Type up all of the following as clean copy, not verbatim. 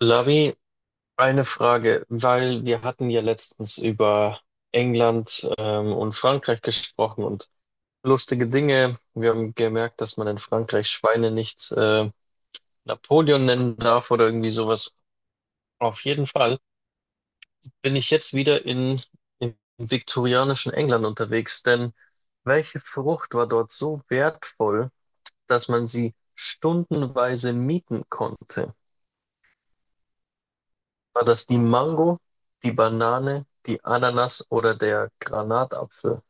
Lavi, eine Frage, weil wir hatten ja letztens über England und Frankreich gesprochen und lustige Dinge. Wir haben gemerkt, dass man in Frankreich Schweine nicht Napoleon nennen darf oder irgendwie sowas. Auf jeden Fall bin ich jetzt wieder im viktorianischen England unterwegs, denn welche Frucht war dort so wertvoll, dass man sie stundenweise mieten konnte? War das die Mango, die Banane, die Ananas oder der Granatapfel?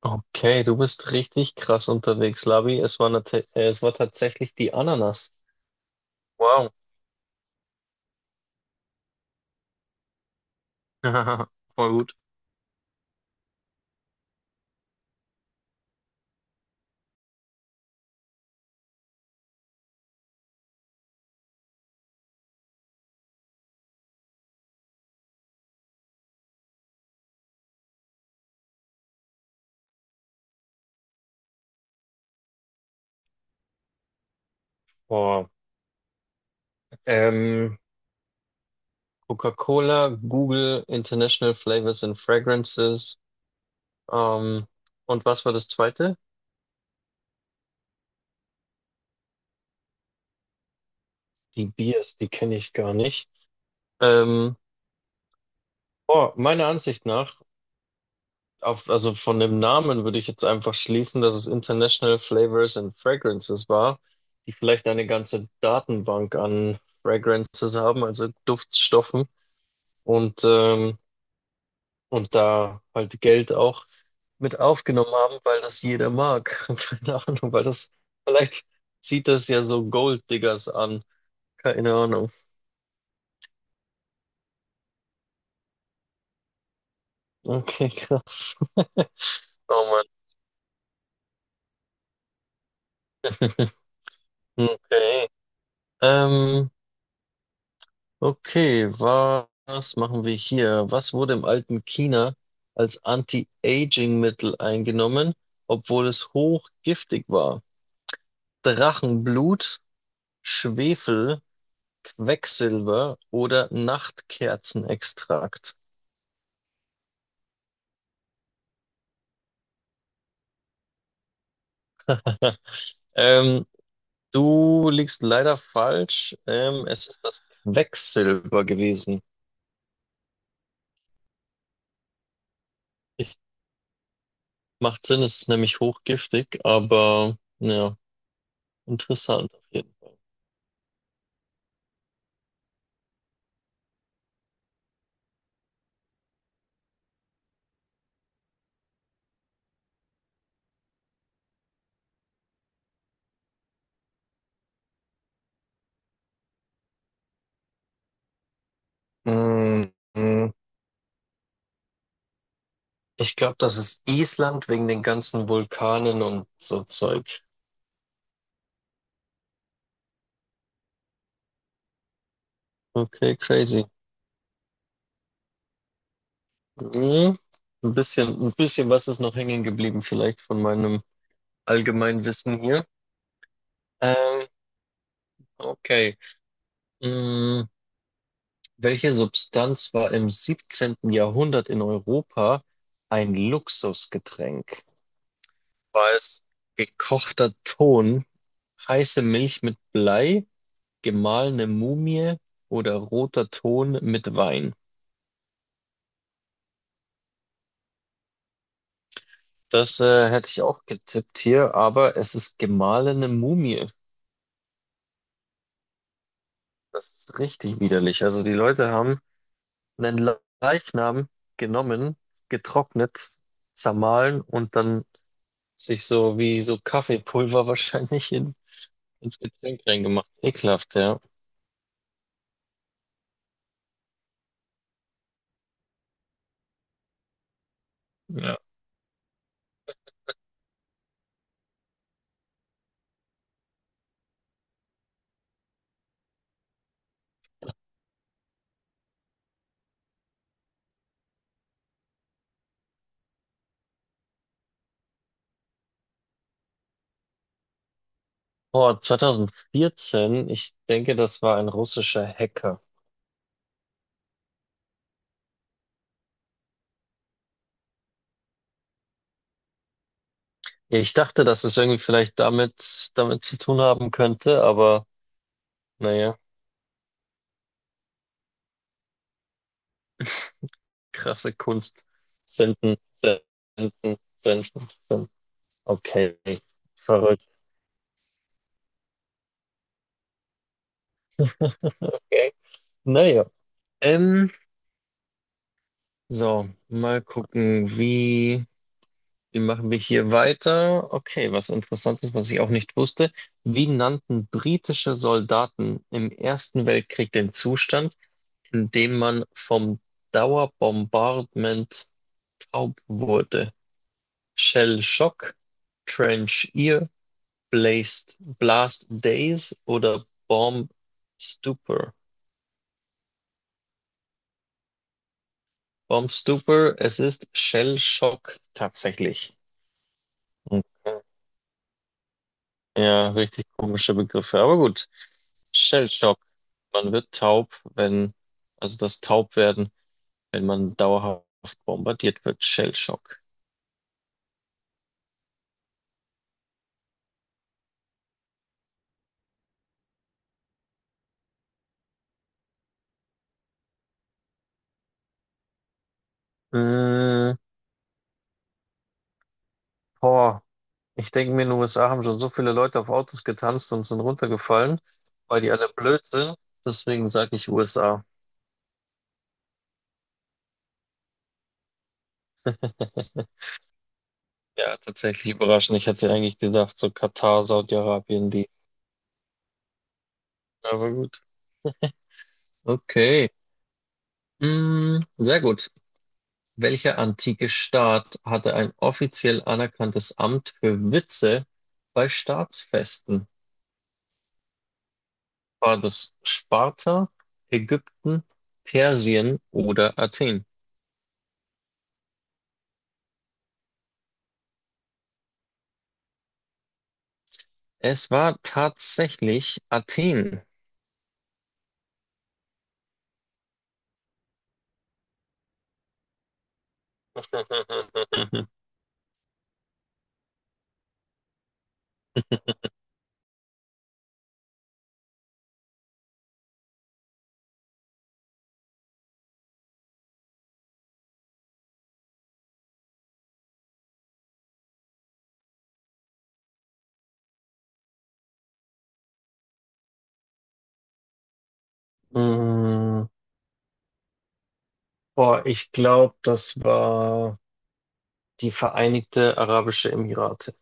Okay, du bist richtig krass unterwegs, Labi. Es war, es war tatsächlich die Ananas. Wow. Voll gut. Boah. Ähm, Coca-Cola, Google, International Flavors and Fragrances. Ähm, und was war das zweite? Die Biers, die kenne ich gar nicht. Ähm, boah, meiner Ansicht nach also von dem Namen würde ich jetzt einfach schließen, dass es International Flavors and Fragrances war, die vielleicht eine ganze Datenbank an Fragrances haben, also Duftstoffen und, ähm, und da halt Geld auch mit aufgenommen haben, weil das jeder mag. Keine Ahnung, weil das vielleicht zieht das ja so Golddiggers an. Keine Ahnung. Okay, krass. Oh Mann. Okay. Ähm, okay, was machen wir hier? Was wurde im alten China als Anti-Aging-Mittel eingenommen, obwohl es hochgiftig war? Drachenblut, Schwefel, Quecksilber oder Nachtkerzenextrakt? Ähm, du liegst leider falsch. Es ist das Quecksilber gewesen. Ich, macht Sinn, es ist nämlich hochgiftig, aber ja, interessant auf jeden Fall. Mm, mm. Ich glaube, das ist Island wegen den ganzen Vulkanen und so Zeug. Okay, crazy. Mhm. Ein bisschen was ist noch hängen geblieben, vielleicht von meinem allgemeinen Wissen hier. Ähm, okay. Mhm. Welche Substanz war im 17. Jahrhundert in Europa ein Luxusgetränk? War es gekochter Ton, heiße Milch mit Blei, gemahlene Mumie oder roter Ton mit Wein? Das hätte ich auch getippt hier, aber es ist gemahlene Mumie. Das ist richtig widerlich. Also die Leute haben einen Leichnam genommen, getrocknet, zermahlen und dann sich so wie so Kaffeepulver wahrscheinlich ins Getränk reingemacht. Ekelhaft, ja. Ja. Oh, 2014, ich denke, das war ein russischer Hacker. Ja, ich dachte, dass es irgendwie vielleicht damit zu tun haben könnte, aber naja. Krasse Kunst. Senden, senden, senden, senden. Okay, verrückt. Okay. Naja, ähm, so, mal gucken, wie machen wir hier weiter? Okay, was Interessantes, was ich auch nicht wusste. Wie nannten britische Soldaten im Ersten Weltkrieg den Zustand, in dem man vom Dauerbombardment taub wurde? Shell Shock, Trench Ear, Blast Days oder Bomb Stupor. Bomb Stupor, es ist Shell Shock tatsächlich. Okay. Ja, richtig komische Begriffe, aber gut. Shell Shock. Man wird taub, wenn, also das Taubwerden, wenn man dauerhaft bombardiert wird. Shell Shock. Mm, boah, ich denke mir, in den USA haben schon so viele Leute auf Autos getanzt und sind runtergefallen, weil die alle blöd sind. Deswegen sage ich USA. Ja, tatsächlich überraschend. Ich hätte eigentlich gedacht, so Katar, Saudi-Arabien, die. Aber gut. Okay. Mm, sehr gut. Welcher antike Staat hatte ein offiziell anerkanntes Amt für Witze bei Staatsfesten? War das Sparta, Ägypten, Persien oder Athen? Es war tatsächlich Athen. Mm, boah, ich glaube, das war die Vereinigte Arabische Emirate.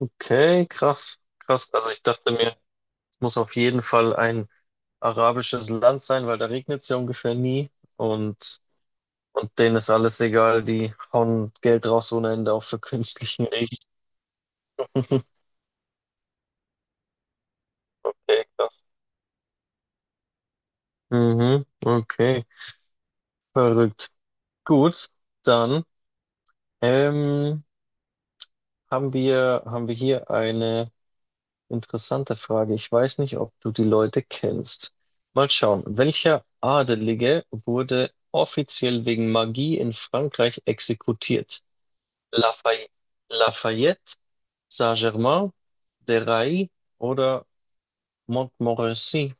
Okay, krass, krass. Also ich dachte mir, es muss auf jeden Fall ein arabisches Land sein, weil da regnet es ja ungefähr nie und, und denen ist alles egal, die hauen Geld raus ohne Ende auch für künstlichen Regen. Okay, krass. Mhm, okay, verrückt. Gut, dann ähm, haben wir hier eine interessante Frage. Ich weiß nicht, ob du die Leute kennst. Mal schauen. Welcher Adelige wurde offiziell wegen Magie in Frankreich exekutiert? Lafay Lafayette, Saint-Germain, Déraille oder Montmorency?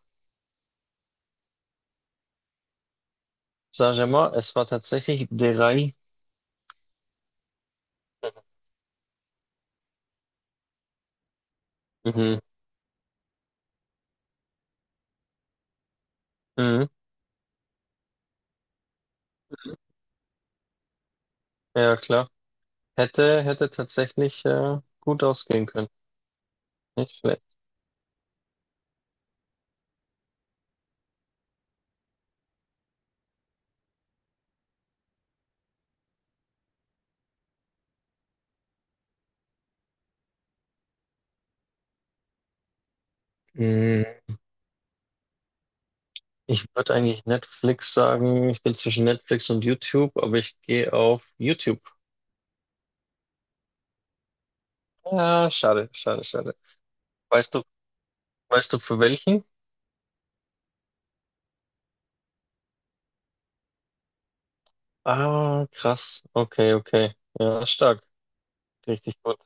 Saint-Germain, es war tatsächlich Déraille. Mhm. Mhm. Ja, klar. Hätte tatsächlich gut ausgehen können. Nicht schlecht. Mhm. Ich würde eigentlich Netflix sagen. Ich bin zwischen Netflix und YouTube, aber ich gehe auf YouTube. Ja, schade, schade, schade. Weißt du, weißt du für welchen? Ah, krass. Okay, okay. Ja, stark. Richtig gut.